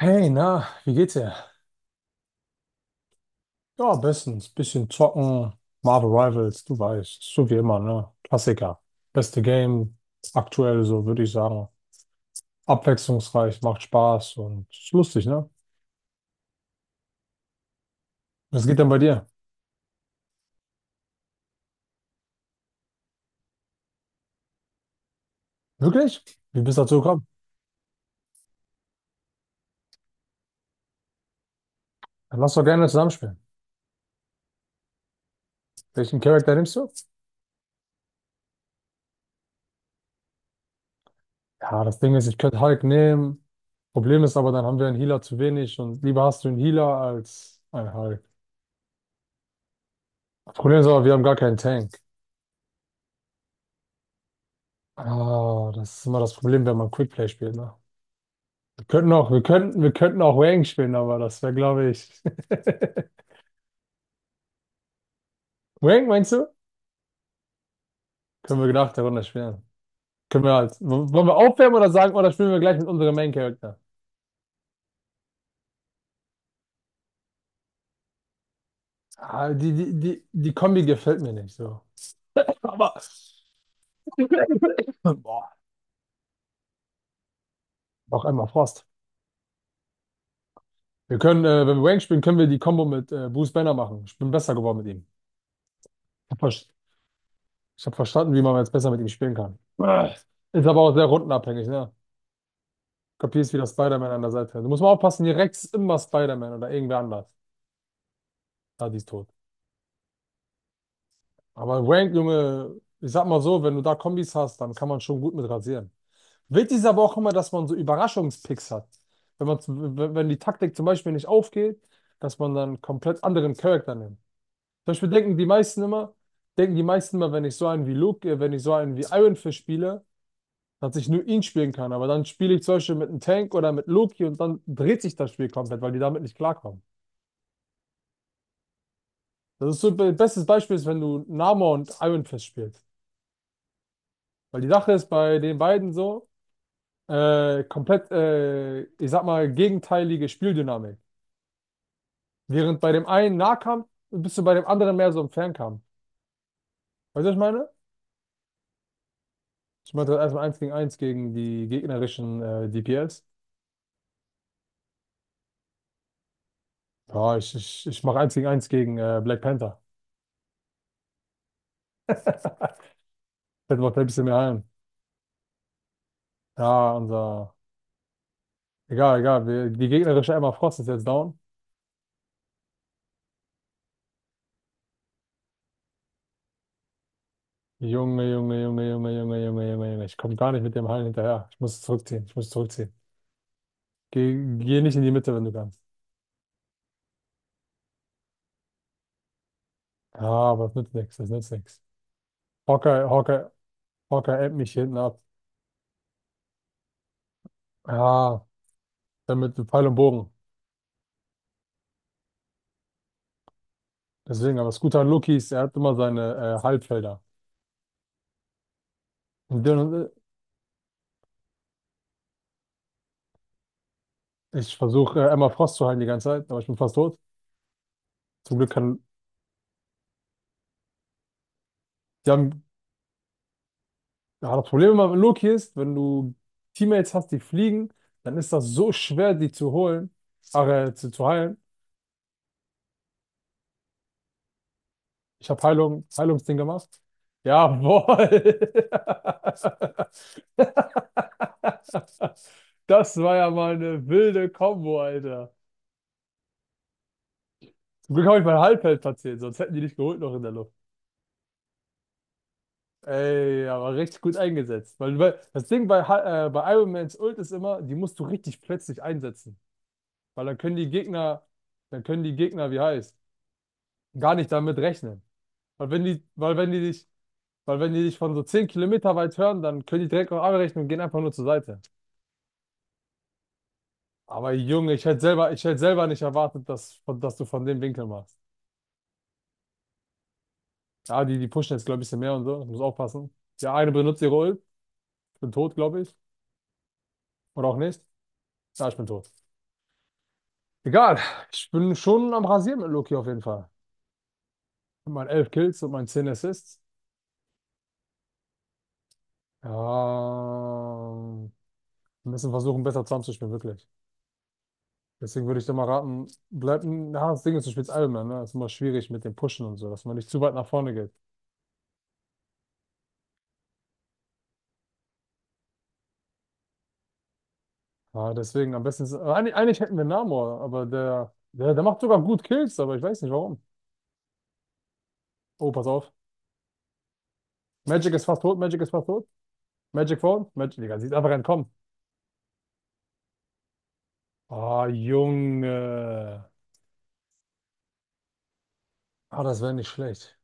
Hey, na, wie geht's dir? Ja, bestens. Bisschen zocken, Marvel Rivals, du weißt, so wie immer, ne? Klassiker. Beste Game, aktuell so, würde ich sagen. Abwechslungsreich, macht Spaß und ist lustig, ne? Was geht denn bei dir? Wirklich? Wie bist du dazu gekommen? Dann lass doch gerne zusammenspielen. Welchen Charakter nimmst du? Ja, das Ding ist, ich könnte Hulk nehmen. Problem ist aber, dann haben wir einen Healer zu wenig und lieber hast du einen Healer als einen Hulk. Das Problem ist aber, wir haben gar keinen Tank. Ah, das ist immer das Problem, wenn man Quickplay spielt, ne? Wir könnten auch, wir könnten auch Wang spielen, aber das wäre, glaube ich. Wang, meinst du? Können wir nach der Runde spielen. Können wir halt. Wollen wir aufwärmen oder sagen, oder spielen wir gleich mit unserem Main Character? Ah, die Kombi gefällt mir nicht so. Aber. Boah, noch einmal Frost. Wir können, wenn wir Wang spielen, können wir die Combo mit Bruce Banner machen. Ich bin besser geworden mit ihm. Ich habe verstanden, wie man jetzt besser mit ihm spielen kann. Ist aber auch sehr rundenabhängig, ne? Kapierst wie das Spider-Man an der Seite. Du musst mal aufpassen, hier Rex ist immer Spider-Man oder irgendwer anders. Ah, die ist tot. Aber Wank, Junge, ich sag mal so, wenn du da Kombis hast, dann kann man schon gut mit rasieren. Wichtig ist aber auch immer, dass man so Überraschungspicks hat. Wenn man, wenn die Taktik zum Beispiel nicht aufgeht, dass man dann komplett anderen Charakter nimmt. Zum Beispiel denken die meisten immer, wenn ich so einen wie wenn ich so einen wie Iron Fist spiele, dass ich nur ihn spielen kann. Aber dann spiele ich zum Beispiel mit einem Tank oder mit Loki und dann dreht sich das Spiel komplett, weil die damit nicht klarkommen. Das ist so bestes Beispiel ist, wenn du Namor und Iron Fist spielst. Weil die Sache ist bei den beiden so, komplett, ich sag mal, gegenteilige Spieldynamik. Während bei dem einen Nahkampf bist du bei dem anderen mehr so im Fernkampf. Weißt du, was ich meine? Ich meinte erstmal eins gegen die gegnerischen DPS. Ja, ich mache 1 gegen eins gegen Black Panther. Das mir ein bisschen mehr ein. Ja, unser. Egal, egal. Wir, die gegnerische Emma Frost ist jetzt down. Junge, Junge, Junge, Junge, Junge, Junge, Junge, Junge. Ich komme gar nicht mit dem Hallen hinterher. Ich muss zurückziehen. Ich muss zurückziehen. Geh, geh nicht in die Mitte, wenn du kannst. Ja, aber das nützt nichts. Das nützt nichts. Hawkeye, Hawkeye ebbt mich hinten ab. Ja, damit Pfeil und Bogen. Deswegen, aber das Gute an Loki ist, er hat immer seine Halbfelder. Und dann, ich versuche Emma Frost zu heilen die ganze Zeit, aber ich bin fast tot. Zum Glück kann. Die haben, ja, das Problem immer mit Loki ist, wenn du Teammates hast, die fliegen, dann ist das so schwer, die zu holen, zu heilen. Ich habe Heilung, Heilungsding gemacht. Jawohl. Das war ja mal eine wilde Kombo, Alter. Zum Glück habe ich mein Halbfeld platziert, sonst hätten die nicht geholt noch in der Luft. Ey, aber richtig gut eingesetzt. Weil das Ding bei, bei Iron Mans Ult ist immer, die musst du richtig plötzlich einsetzen. Weil dann können die Gegner, dann können die Gegner, wie heißt, gar nicht damit rechnen. Weil wenn die, weil wenn die dich, Weil wenn die dich von so 10 Kilometer weit hören, dann können die direkt noch abbrechen und gehen einfach nur zur Seite. Aber Junge, ich hätte selber nicht erwartet, dass du von dem Winkel machst. Ja, die pushen jetzt, glaube ich, ein bisschen mehr und so. Ich muss aufpassen. Der eine benutzt ihre Ult. Ich bin tot, glaube ich. Oder auch nicht. Ja, ich bin tot. Egal. Ich bin schon am Rasieren mit Loki auf jeden Fall. Mit meinen 11 Kills und meinen 10 Assists. Ja, wir müssen versuchen, besser zusammenzuspielen, wirklich. Deswegen würde ich dir mal raten, bleib, ja, das Ding ist, du spielst Ironman, ne? Das ist immer schwierig mit dem Pushen und so, dass man nicht zu weit nach vorne geht. Ja, deswegen am besten ist, eigentlich hätten wir Namor, aber der macht sogar gut Kills, aber ich weiß nicht warum. Oh, pass auf. Magic ist fast tot, Magic ist fast tot. Magic Phone, Magic, Digga, sieht einfach entkommen. Ah, Junge. Ah, das wäre nicht schlecht.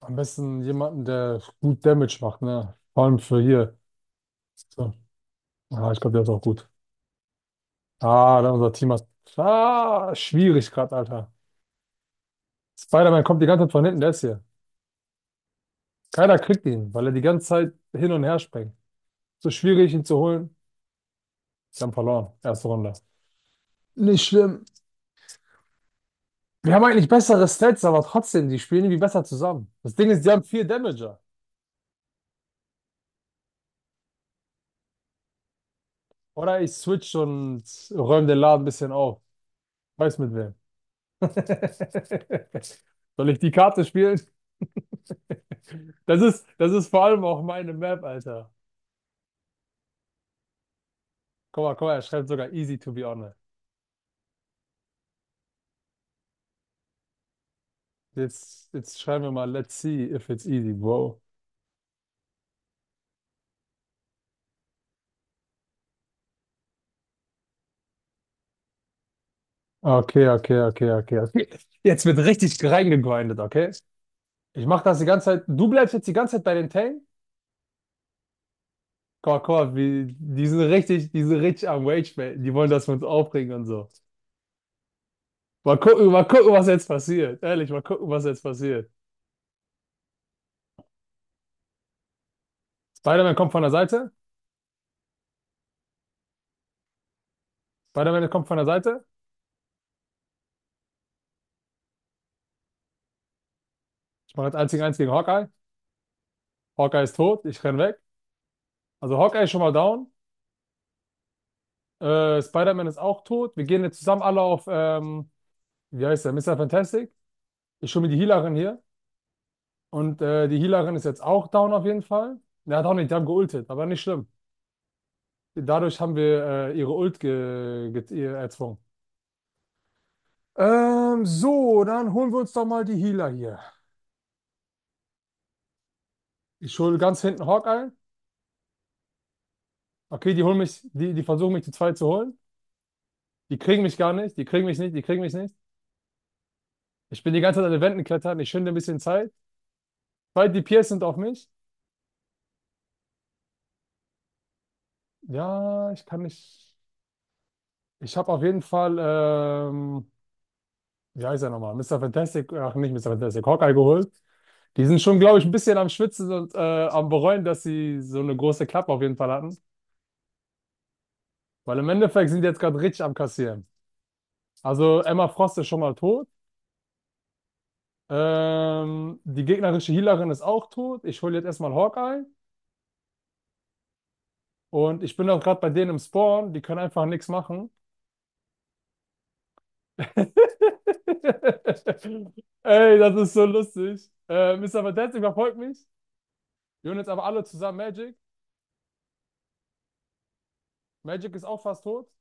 Am besten jemanden, der gut Damage macht, ne? Vor allem für hier. So. Ah, ich glaube, der ist auch gut. Ah, da unser Team hat. Ah, schwierig gerade, Alter. Spider-Man kommt die ganze Zeit von hinten, der ist hier. Keiner kriegt ihn, weil er die ganze Zeit hin und her springt. So schwierig, ihn zu holen. Sie haben verloren. Erste Runde. Nicht schlimm. Wir haben eigentlich bessere Stats, aber trotzdem, die spielen irgendwie besser zusammen. Das Ding ist, die haben vier Damager. Oder ich switch und räume den Laden ein bisschen auf. Weiß mit wem. Soll ich die Karte spielen? Das ist vor allem auch meine Map, Alter. Guck mal, er schreibt sogar easy to be honest. Jetzt schreiben wir mal, let's see if it's easy, bro. Okay, okay, okay, okay, okay. Jetzt wird richtig reingegrindet, okay? Ich mache das die ganze Zeit. Du bleibst jetzt die ganze Zeit bei den Tang? Guck, guck, wie, die sind richtig am Rage, man. Die wollen, dass wir uns aufregen und so. Mal gucken, was jetzt passiert. Ehrlich, mal gucken, was jetzt passiert. Spider-Man kommt von der Seite. Spider-Man kommt von der Seite. Ich mache jetzt eins gegen Hawkeye. Hawkeye ist tot. Ich renn weg. Also Hawkeye ist schon mal down. Spider-Man ist auch tot. Wir gehen jetzt zusammen alle auf, wie heißt der? Mister Fantastic. Ich hole mir die Healerin hier. Und die Healerin ist jetzt auch down auf jeden Fall. Er hat auch nicht, die haben geultet, aber nicht schlimm. Dadurch haben wir ihre Ult ge ge ihr erzwungen. So, dann holen wir uns doch mal die Healer hier. Ich hole ganz hinten Hawkeye. Okay, die holen mich, die versuchen mich zu zweit zu holen. Die kriegen mich gar nicht, die kriegen mich nicht. Ich bin die ganze Zeit an den Wänden klettern, ich schinde ein bisschen Zeit. Zwei DPS sind auf mich. Ja, ich kann nicht. Ich habe auf jeden Fall, wie heißt er nochmal? Mister Fantastic, ach nicht Mister Fantastic, Hawkeye geholt. Die sind schon, glaube ich, ein bisschen am Schwitzen und am Bereuen, dass sie so eine große Klappe auf jeden Fall hatten. Weil im Endeffekt sind die jetzt gerade richtig am Kassieren. Also Emma Frost ist schon mal tot. Die gegnerische Healerin ist auch tot. Ich hole jetzt erstmal Hawkeye. Und ich bin auch gerade bei denen im Spawn. Die können einfach nichts machen. Ey, das ist so lustig. Mr. Vendetta überfolgt mich. Wir holen jetzt aber alle zusammen Magic. Magic ist auch fast tot.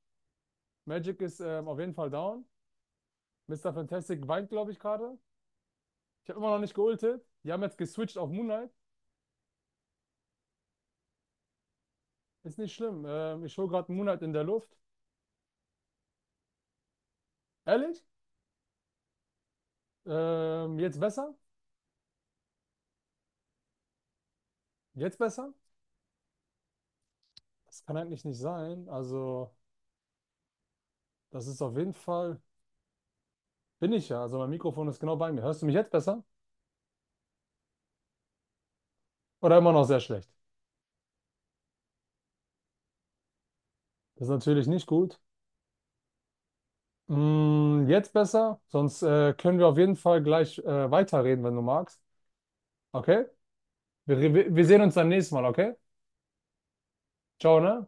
Magic ist auf jeden Fall down. Mister Fantastic weint, glaube ich, gerade. Ich habe immer noch nicht geultet. Die haben jetzt geswitcht auf Moonlight. Ist nicht schlimm. Ich hole gerade Moonlight in der Luft. Ehrlich? Jetzt besser? Jetzt besser? Das kann eigentlich nicht sein. Also, das ist auf jeden Fall. Bin ich ja. Also, mein Mikrofon ist genau bei mir. Hörst du mich jetzt besser? Oder immer noch sehr schlecht? Das ist natürlich nicht gut. Mm, jetzt besser? Sonst können wir auf jeden Fall gleich weiterreden, wenn du magst. Okay? Wir sehen uns dann nächstes Mal, okay? Ciao, ne?